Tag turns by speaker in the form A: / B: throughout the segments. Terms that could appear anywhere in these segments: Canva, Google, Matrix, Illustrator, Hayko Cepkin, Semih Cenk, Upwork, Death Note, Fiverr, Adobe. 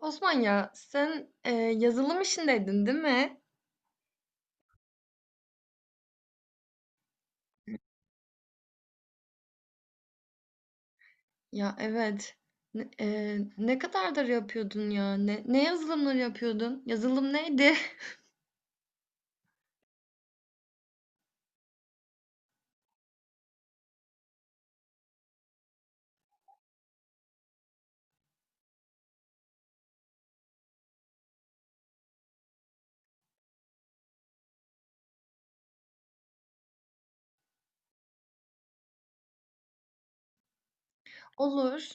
A: Osman ya sen yazılım işindeydin değil mi? Ya evet. Ne kadardır yapıyordun ya? Ne yazılımları yapıyordun? Yazılım neydi? Olur.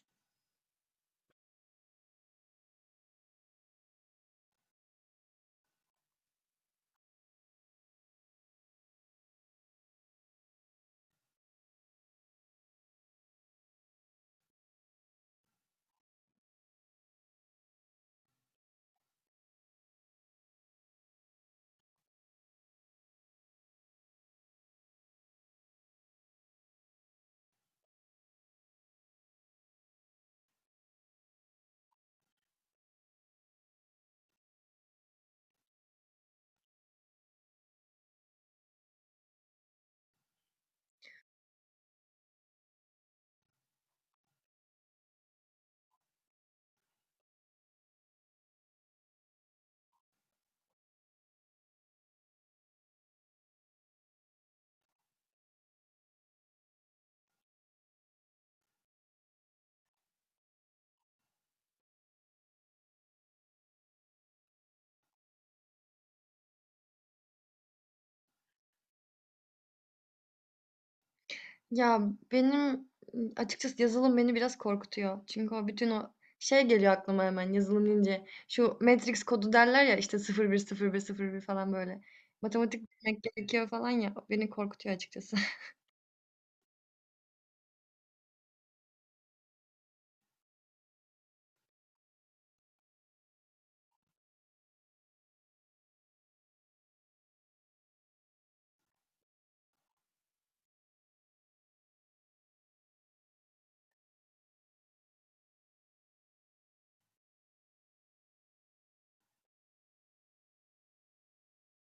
A: Ya benim açıkçası yazılım beni biraz korkutuyor. Çünkü o bütün o şey geliyor aklıma hemen yazılım deyince. Şu Matrix kodu derler ya işte sıfır sıfır sıfır bir bir bir falan böyle. Matematik bilmek gerekiyor falan ya. Beni korkutuyor açıkçası.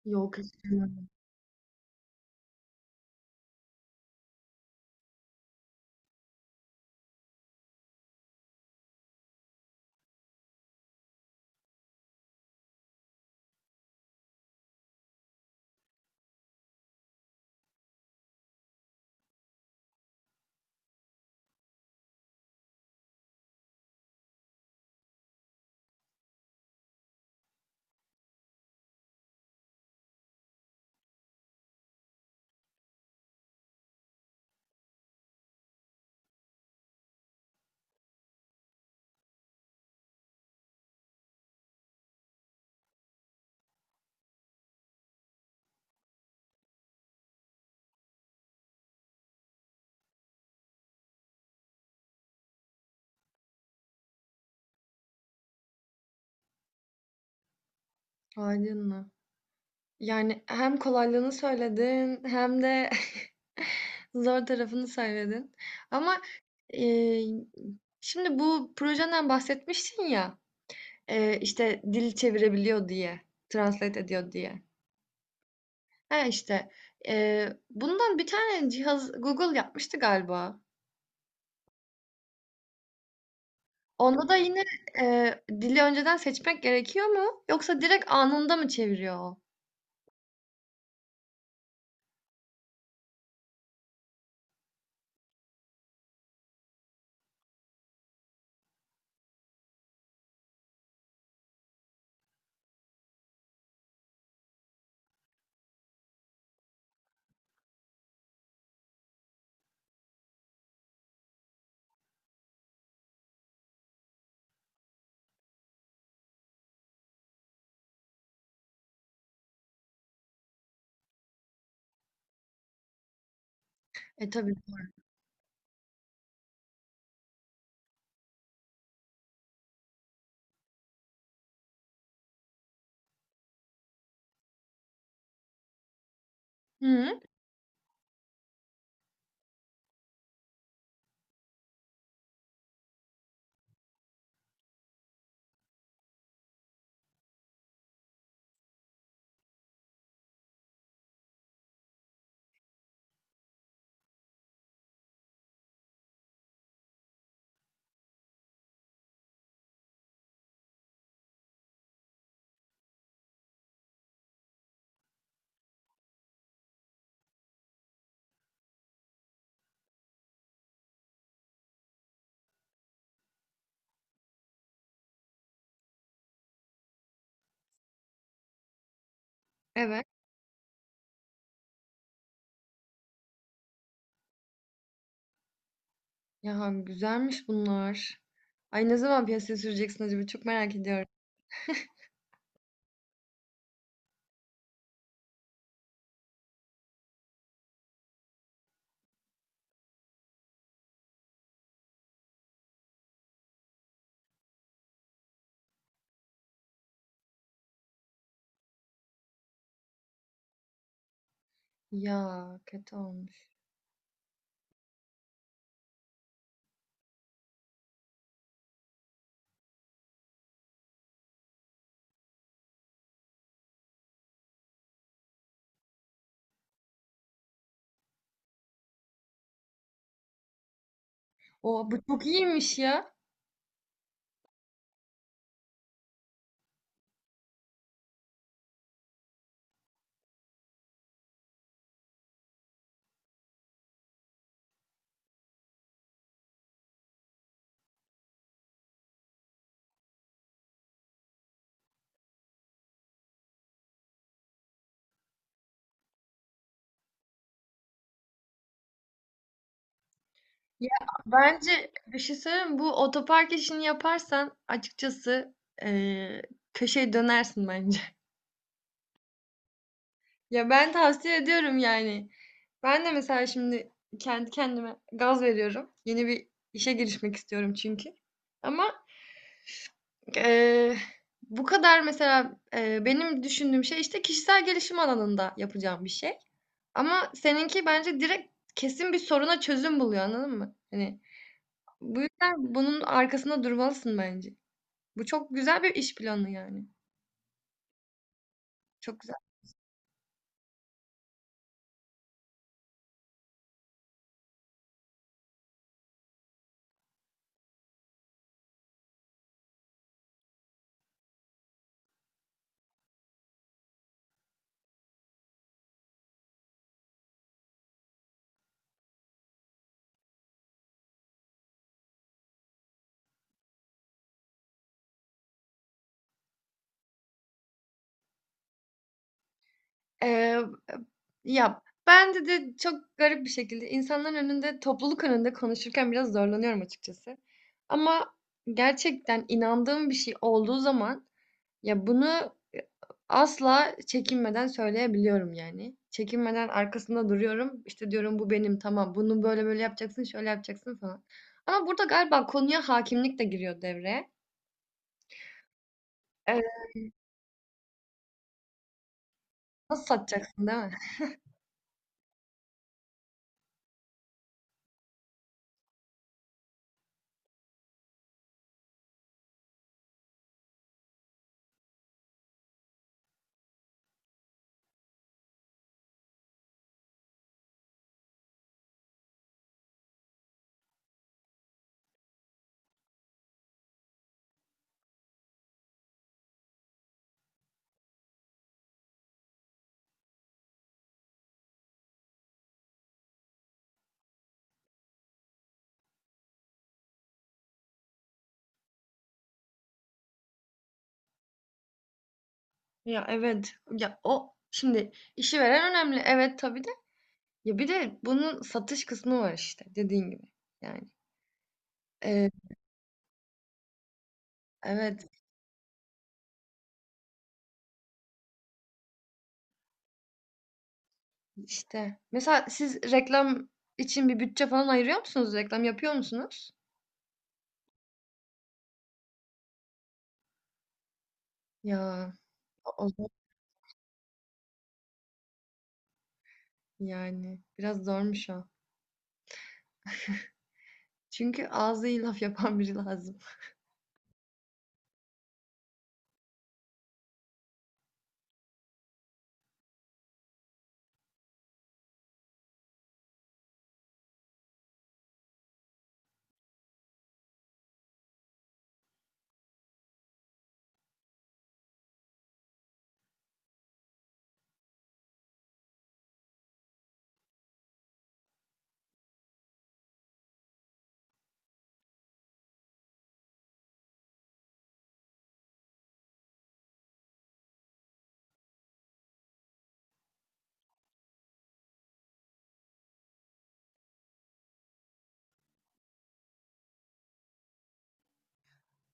A: Yok istemiyorum. Aydınlı. Yani, hem kolaylığını söyledin hem de zor tarafını söyledin ama, eee, şimdi bu projenden bahsetmiştin ya, işte, dil çevirebiliyor diye, translate ediyor diye. He, işte, bundan bir tane cihaz Google yapmıştı galiba. Onda da yine, dili önceden seçmek gerekiyor mu yoksa direkt anında mı çeviriyor o? E, tabii. Hı. Evet. Ya güzelmiş bunlar. Ay ne zaman piyasaya süreceksin acaba? Çok merak ediyorum. Ya kötü olmuş. O bu çok iyiymiş ya. Ya bence bir şey söyleyeyim mi? Bu otopark işini yaparsan açıkçası eee köşeye dönersin bence. Ya ben tavsiye ediyorum yani. Ben de mesela şimdi kendi kendime gaz veriyorum. Yeni bir işe girişmek istiyorum çünkü. Ama Eee, bu kadar mesela, benim düşündüğüm şey, işte, kişisel gelişim alanında yapacağım bir şey ama seninki bence direkt kesin bir soruna çözüm buluyor, anladın mı? Hani, bu yüzden bunun arkasında durmalısın bence. Bu çok güzel bir iş planı yani. Çok güzel. Eee, eb ya, bende de çok garip bir şekilde insanların önünde, topluluk önünde konuşurken biraz zorlanıyorum açıkçası ama gerçekten inandığım bir şey olduğu zaman ya, bunu asla çekinmeden söyleyebiliyorum yani. Çekinmeden arkasında duruyorum. İşte, diyorum, "Bu benim, tamam. Bunu böyle böyle yapacaksın, şöyle yapacaksın." falan. Ama burada galiba konuya hakimlik de giriyor devreye. Eee, nasıl satacaksın, değil mi? Ya, evet. Ya, o şimdi işi veren önemli. Evet, tabii de. Ya, bir de bunun satış kısmı var işte dediğin gibi yani. Eee, evet, işte. Mesela siz reklam için bir bütçe falan ayırıyor musunuz? Reklam yapıyor musunuz? Ya. Olmaz yani. Biraz zormuş o. Çünkü ağzı iyi laf yapan biri lazım.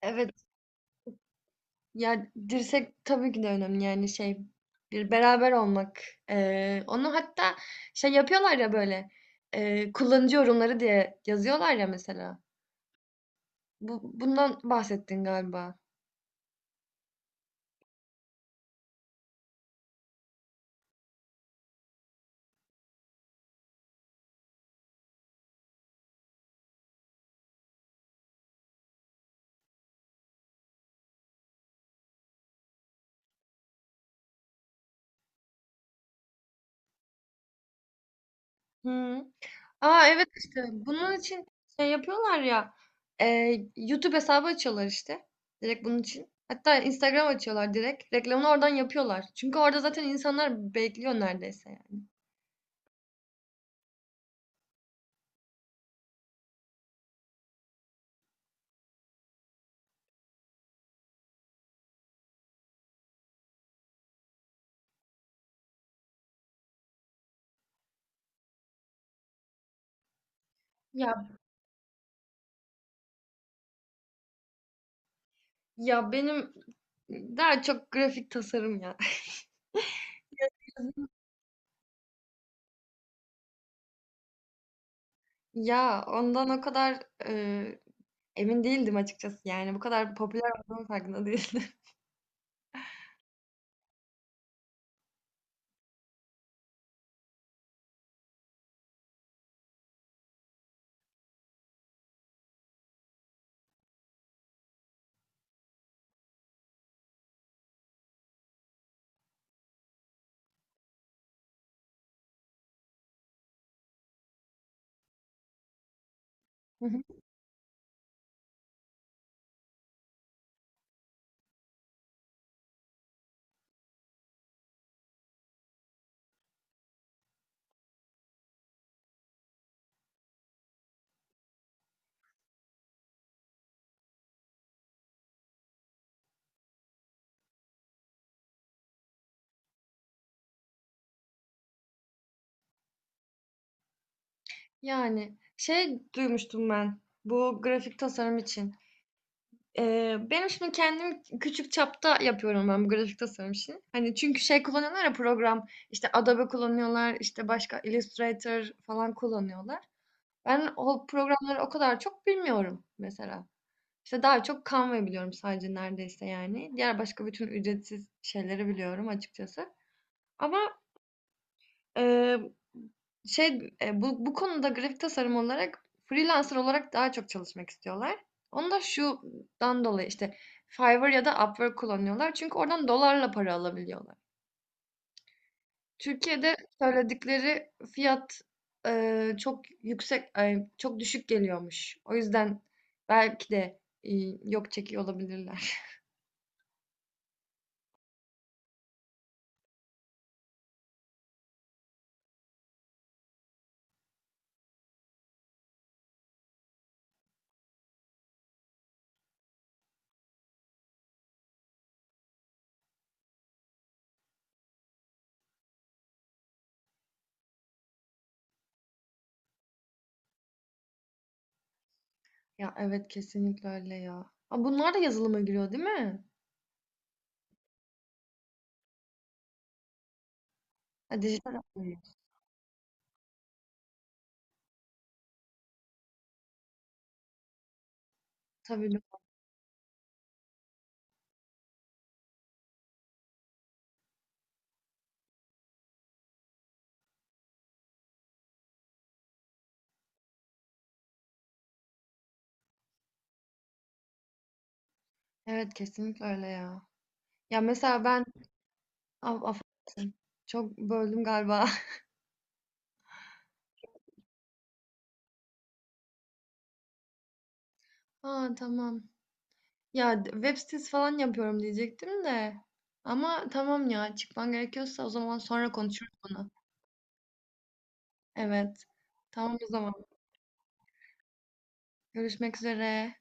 A: Evet. Ya dirsek tabii ki de önemli yani şey bir beraber olmak. Onu hatta şey yapıyorlar ya böyle kullanıcı yorumları diye yazıyorlar ya mesela. Bundan bahsettin galiba. Hıı. A, evet, işte, bunun için şey yapıyorlar ya, YouTube hesabı açıyorlar, işte, direkt bunun için. Hatta Instagram açıyorlar direkt. Reklamını oradan yapıyorlar. Çünkü orada zaten insanlar bekliyor neredeyse yani. Ya ya benim daha çok grafik tasarım ya. Ya, ondan o kadar, eee, emin değildim açıkçası. Yani bu kadar popüler olduğunun farkında değildim. Yani, şey duymuştum ben, bu grafik tasarım için benim şimdi kendim küçük çapta yapıyorum ben bu grafik tasarım işini. Hani çünkü şey kullanıyorlar ya program, işte Adobe kullanıyorlar, işte başka Illustrator falan kullanıyorlar. Ben o programları o kadar çok bilmiyorum mesela. İşte daha çok Canva biliyorum sadece neredeyse yani. Diğer başka bütün ücretsiz şeyleri biliyorum açıkçası. Ama Eee, bu konuda grafik tasarım olarak freelancer olarak daha çok çalışmak istiyorlar. Onu da şundan dolayı işte Fiverr ya da Upwork kullanıyorlar. Çünkü oradan dolarla para alabiliyorlar. Türkiye'de söyledikleri fiyat çok yüksek, ay, çok düşük geliyormuş. O yüzden belki de yok çekiyor olabilirler. Ya evet kesinlikle öyle ya. Aa, bunlar da yazılıma giriyor değil mi? Ha, dijital. Evet. Tabii. Evet kesinlikle öyle ya. Ya mesela ben Af- af- çok böldüm galiba. Aa tamam. Web sitesi falan yapıyorum diyecektim de. Ama tamam ya çıkman gerekiyorsa o zaman sonra konuşuruz bunu. Evet. Tamam o zaman. Görüşmek üzere.